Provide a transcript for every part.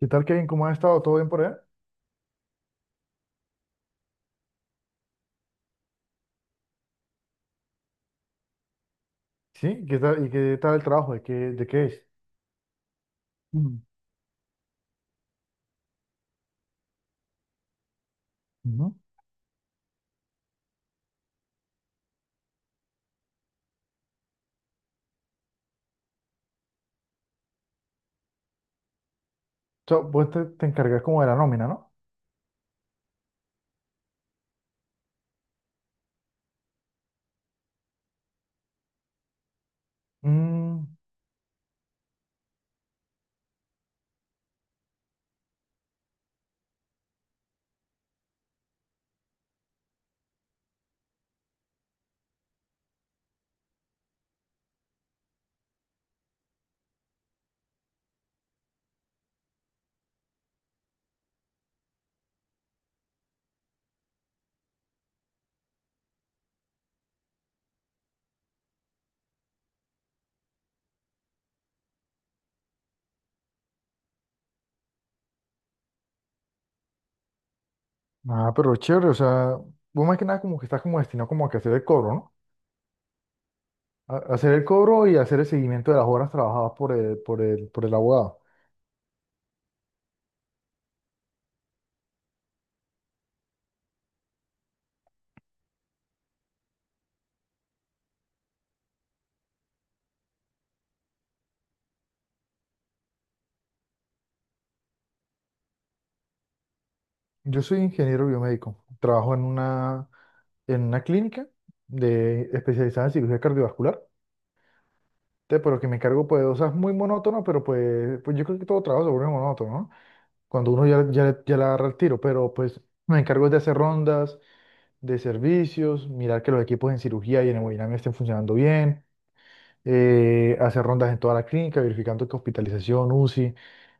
¿Qué tal, Kevin? ¿Cómo has estado? ¿Todo bien por allá? Sí, ¿qué tal? ¿Y qué tal el trabajo? ¿De qué es? Mm, ujú. O vos te encargas como de la nómina, ¿no? Mm, ah, pero chévere, o sea, vos más que nada como que estás como destinado como a que hacer el cobro, ¿no? A hacer el cobro y hacer el seguimiento de las horas trabajadas por el abogado. Yo soy ingeniero biomédico, trabajo en una clínica especializada en cirugía cardiovascular. Pero que me encargo pues de cosas muy monótonas, pero pues yo creo que todo trabajo se vuelve monótono, ¿no? Cuando uno ya le agarra el tiro, pero pues me encargo de hacer rondas de servicios, mirar que los equipos en cirugía y en hemodinamia estén funcionando bien. Hacer rondas en toda la clínica, verificando que hospitalización, UCI,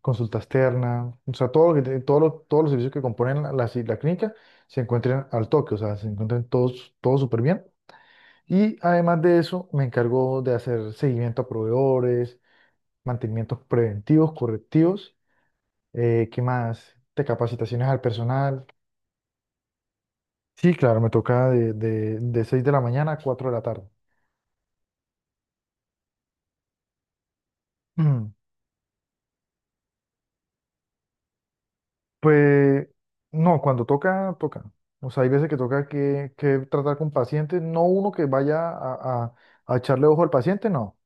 consulta externa, o sea, todo lo que, te- todo lo- todos los servicios que componen la clínica se encuentren al toque, o sea, se encuentren todos, todos súper bien. Y además de eso, me encargo de hacer seguimiento a proveedores, mantenimientos preventivos, correctivos. ¿Qué más? De capacitaciones al personal. Sí, claro, me toca de 6 de la mañana a 4 de la tarde. Mm, Pues no, cuando toca, toca. O sea, hay veces que toca que tratar con pacientes, no uno que vaya a, a echarle ojo al paciente, no.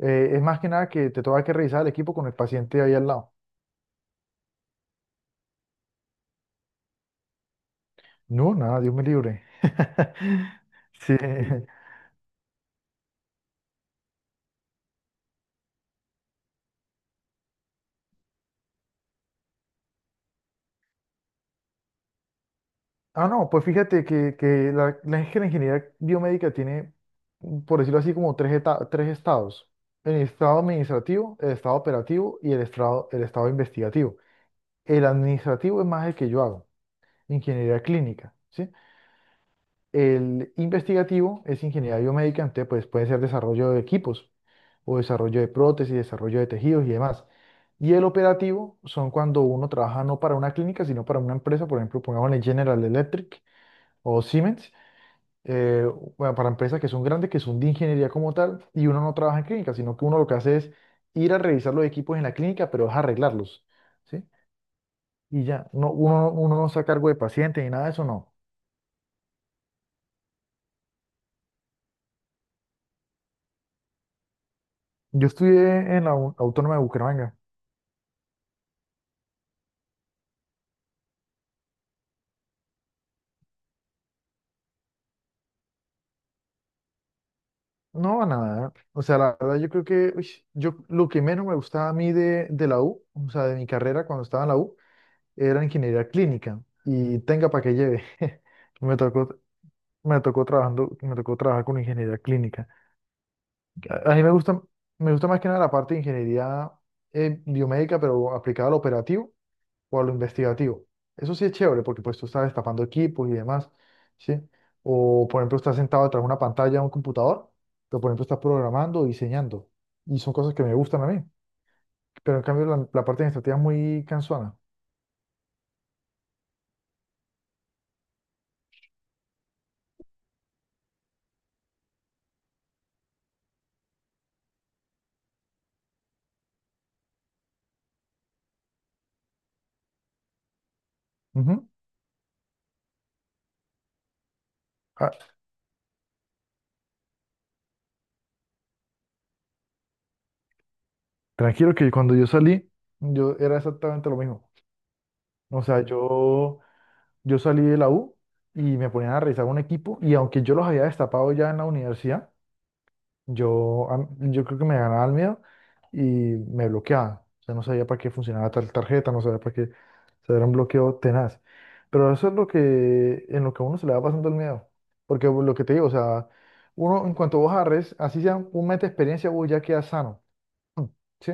Es más que nada que te toca que revisar el equipo con el paciente ahí al lado. No, nada, Dios me libre. Sí. Ah, no, pues fíjate que la es que la ingeniería biomédica tiene, por decirlo así, como tres estados. El estado administrativo, el estado operativo y el estado investigativo. El administrativo es más el que yo hago, ingeniería clínica, ¿sí? El investigativo es ingeniería biomédica. Entonces pues, puede ser desarrollo de equipos o desarrollo de prótesis, desarrollo de tejidos y demás. Y el operativo son cuando uno trabaja no para una clínica, sino para una empresa, por ejemplo, pongámosle General Electric o Siemens. eh, bueno, para empresas que son grandes, que son de ingeniería como tal, y uno no trabaja en clínica, sino que uno lo que hace es ir a revisar los equipos en la clínica, pero es arreglarlos, ¿sí? Y ya, no, uno no está a cargo de pacientes ni nada de eso, no. Yo estudié en la Autónoma de Bucaramanga. No, nada. O sea, la verdad yo creo que uy, yo lo que menos me gustaba a mí de la U, o sea, de mi carrera cuando estaba en la U, era ingeniería clínica. Y tenga para que lleve. Me tocó, me tocó trabajar con ingeniería clínica. A mí me gusta, más que nada la parte de ingeniería biomédica, pero aplicada al operativo o a lo investigativo. Eso sí es chévere, porque pues tú estás destapando equipos y demás, ¿sí? O, por ejemplo, estás sentado detrás de una pantalla de un computador, pero, por ejemplo, estás programando o diseñando. Y son cosas que me gustan a mí. Pero, en cambio, la parte administrativa es muy cansona. Ujú. Ah, tranquilo, que cuando yo salí, yo era exactamente lo mismo. O sea, yo salí de la U y me ponían a revisar un equipo, y aunque yo los había destapado ya en la universidad, yo creo que me ganaba el miedo y me bloqueaban. O sea, no sabía para qué funcionaba tal tarjeta, no sabía para qué, o sea, era un bloqueo tenaz. Pero eso es lo que, en lo que a uno se le va pasando el miedo. Porque lo que te digo, o sea, uno en cuanto vos agarres, así sea un mes de experiencia, vos ya quedas sano. Mm. ¿Sí?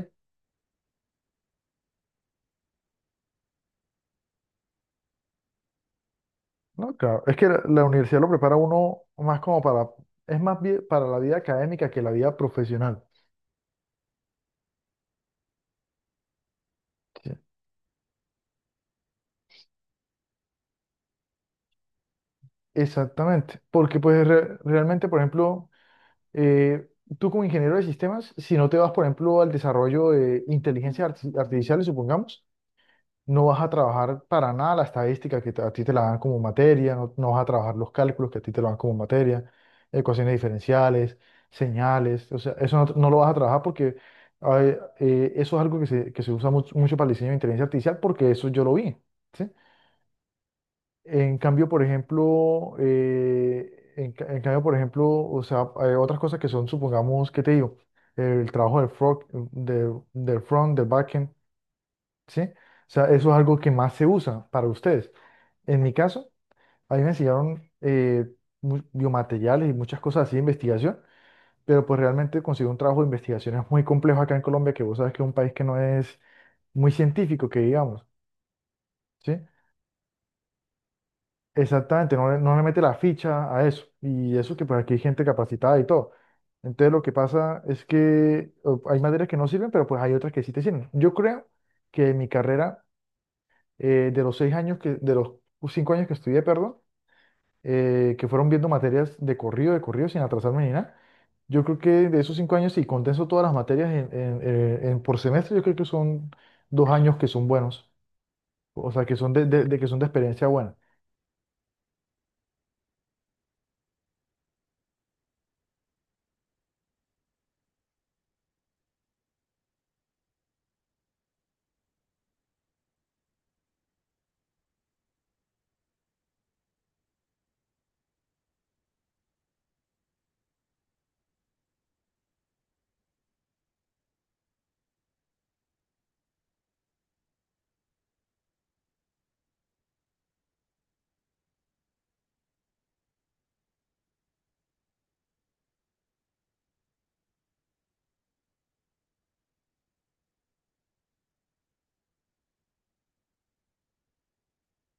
No, claro. Es que la universidad lo prepara a uno más como para, es más bien para la vida académica que la vida profesional. Sí. Exactamente, porque pues realmente, por ejemplo, eh, tú como ingeniero de sistemas, si no te vas, por ejemplo, al desarrollo de inteligencia artificial, supongamos, no vas a trabajar para nada la estadística que te- a ti te la dan como materia, no, no vas a trabajar los cálculos que a ti te lo dan como materia, ecuaciones diferenciales, señales, o sea, eso no, no lo vas a trabajar porque a ver, eso es algo que se, usa mucho, mucho para el diseño de inteligencia artificial porque eso yo lo vi. ¿Sí? En cambio, por ejemplo, en cambio, por ejemplo, o sea, hay otras cosas que son, supongamos, ¿qué te digo? El trabajo del front, del front, del backend, ¿sí? O sea, eso es algo que más se usa para ustedes. En mi caso, a mí me enseñaron biomateriales y muchas cosas así de investigación, pero pues realmente conseguir un trabajo de investigación es muy complejo acá en Colombia, que vos sabes que es un país que no es muy científico, que digamos, ¿sí? Exactamente, no, no le mete la ficha a eso. Y eso que pues aquí hay gente capacitada y todo. Entonces lo que pasa es que o- hay materias que no sirven, pero pues hay otras que sí te sirven. Yo creo que en mi carrera, de los 6 años que, de los 5 años que estudié, perdón, que fueron viendo materias de corrido, sin atrasarme ni nada, yo creo que de esos 5 años, si condenso todas las materias en por semestre, yo creo que son 2 años que son buenos. O sea, que son de experiencia buena.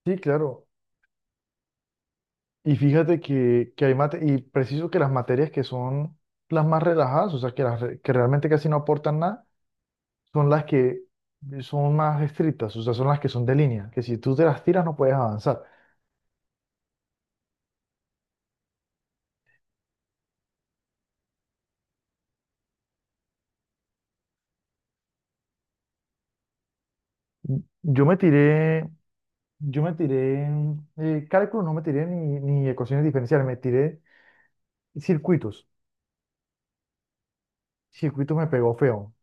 Sí, claro. Y fíjate que hay mate, y preciso que las materias que son las más relajadas, o sea, que realmente casi no aportan nada, son las que son más estrictas, o sea, son las que son de línea, que si tú te las tiras no puedes avanzar. Yo me tiré, yo me tiré cálculo, no me tiré ni ecuaciones diferenciales, me tiré circuitos. Circuitos me pegó feo.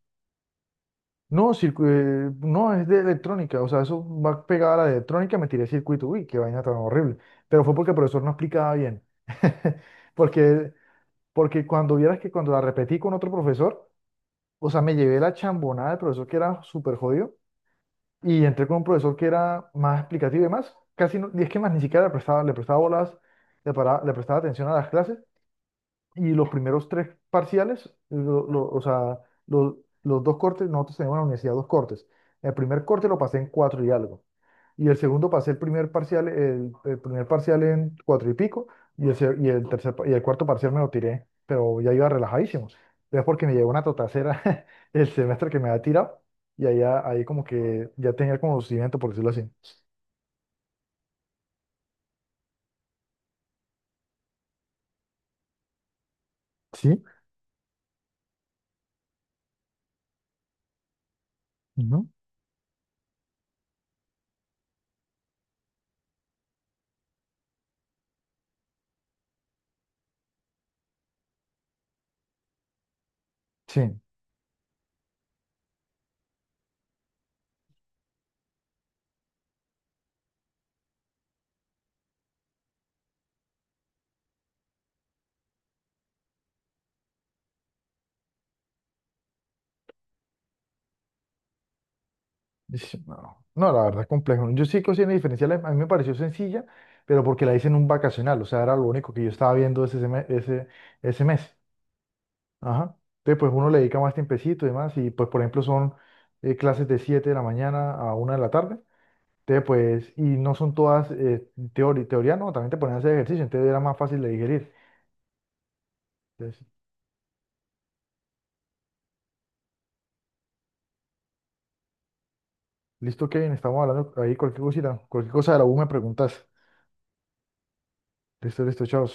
No, no, es de electrónica, o sea, eso va pegada a la de electrónica, me tiré circuito, uy, qué vaina tan horrible. Pero fue porque el profesor no explicaba bien. Porque, porque cuando vieras que cuando la repetí con otro profesor, o sea, me llevé la chambonada del profesor que era súper jodido y entré con un profesor que era más explicativo y demás, casi no, y es que más ni siquiera le prestaba bolas, le prestaba atención a las clases, y los primeros tres parciales, o sea, los dos cortes, nosotros tenemos en la universidad dos cortes. El primer corte lo pasé en cuatro y algo. Y el segundo pasé el primer parcial en cuatro y pico. Y el, se- y el tercer, pa- y el cuarto parcial me lo tiré, pero ya iba relajadísimo. Es porque me llegó una totacera el semestre que me había tirado. Y allá, ahí como que ya tenía el conocimiento, por decirlo así. Sí, ujú. Sí. Ish, no, no, la verdad es complejo. Yo sí cocina diferencial, a mí me pareció sencilla, pero porque la hice en un vacacional, o sea, era lo único que yo estaba viendo ese mes. Ajá. Entonces, pues uno le dedica más tiempecito y demás, y pues, por ejemplo, son clases de 7 de la mañana a 1 de la tarde. Entonces, pues, y no son todas teoría, no, también te ponen a hacer ejercicio, entonces era más fácil de digerir. Entonces, listo, Kevin, estamos hablando ahí cualquier cosita, cualquier cosa de la U me preguntas. Listo, listo, chao.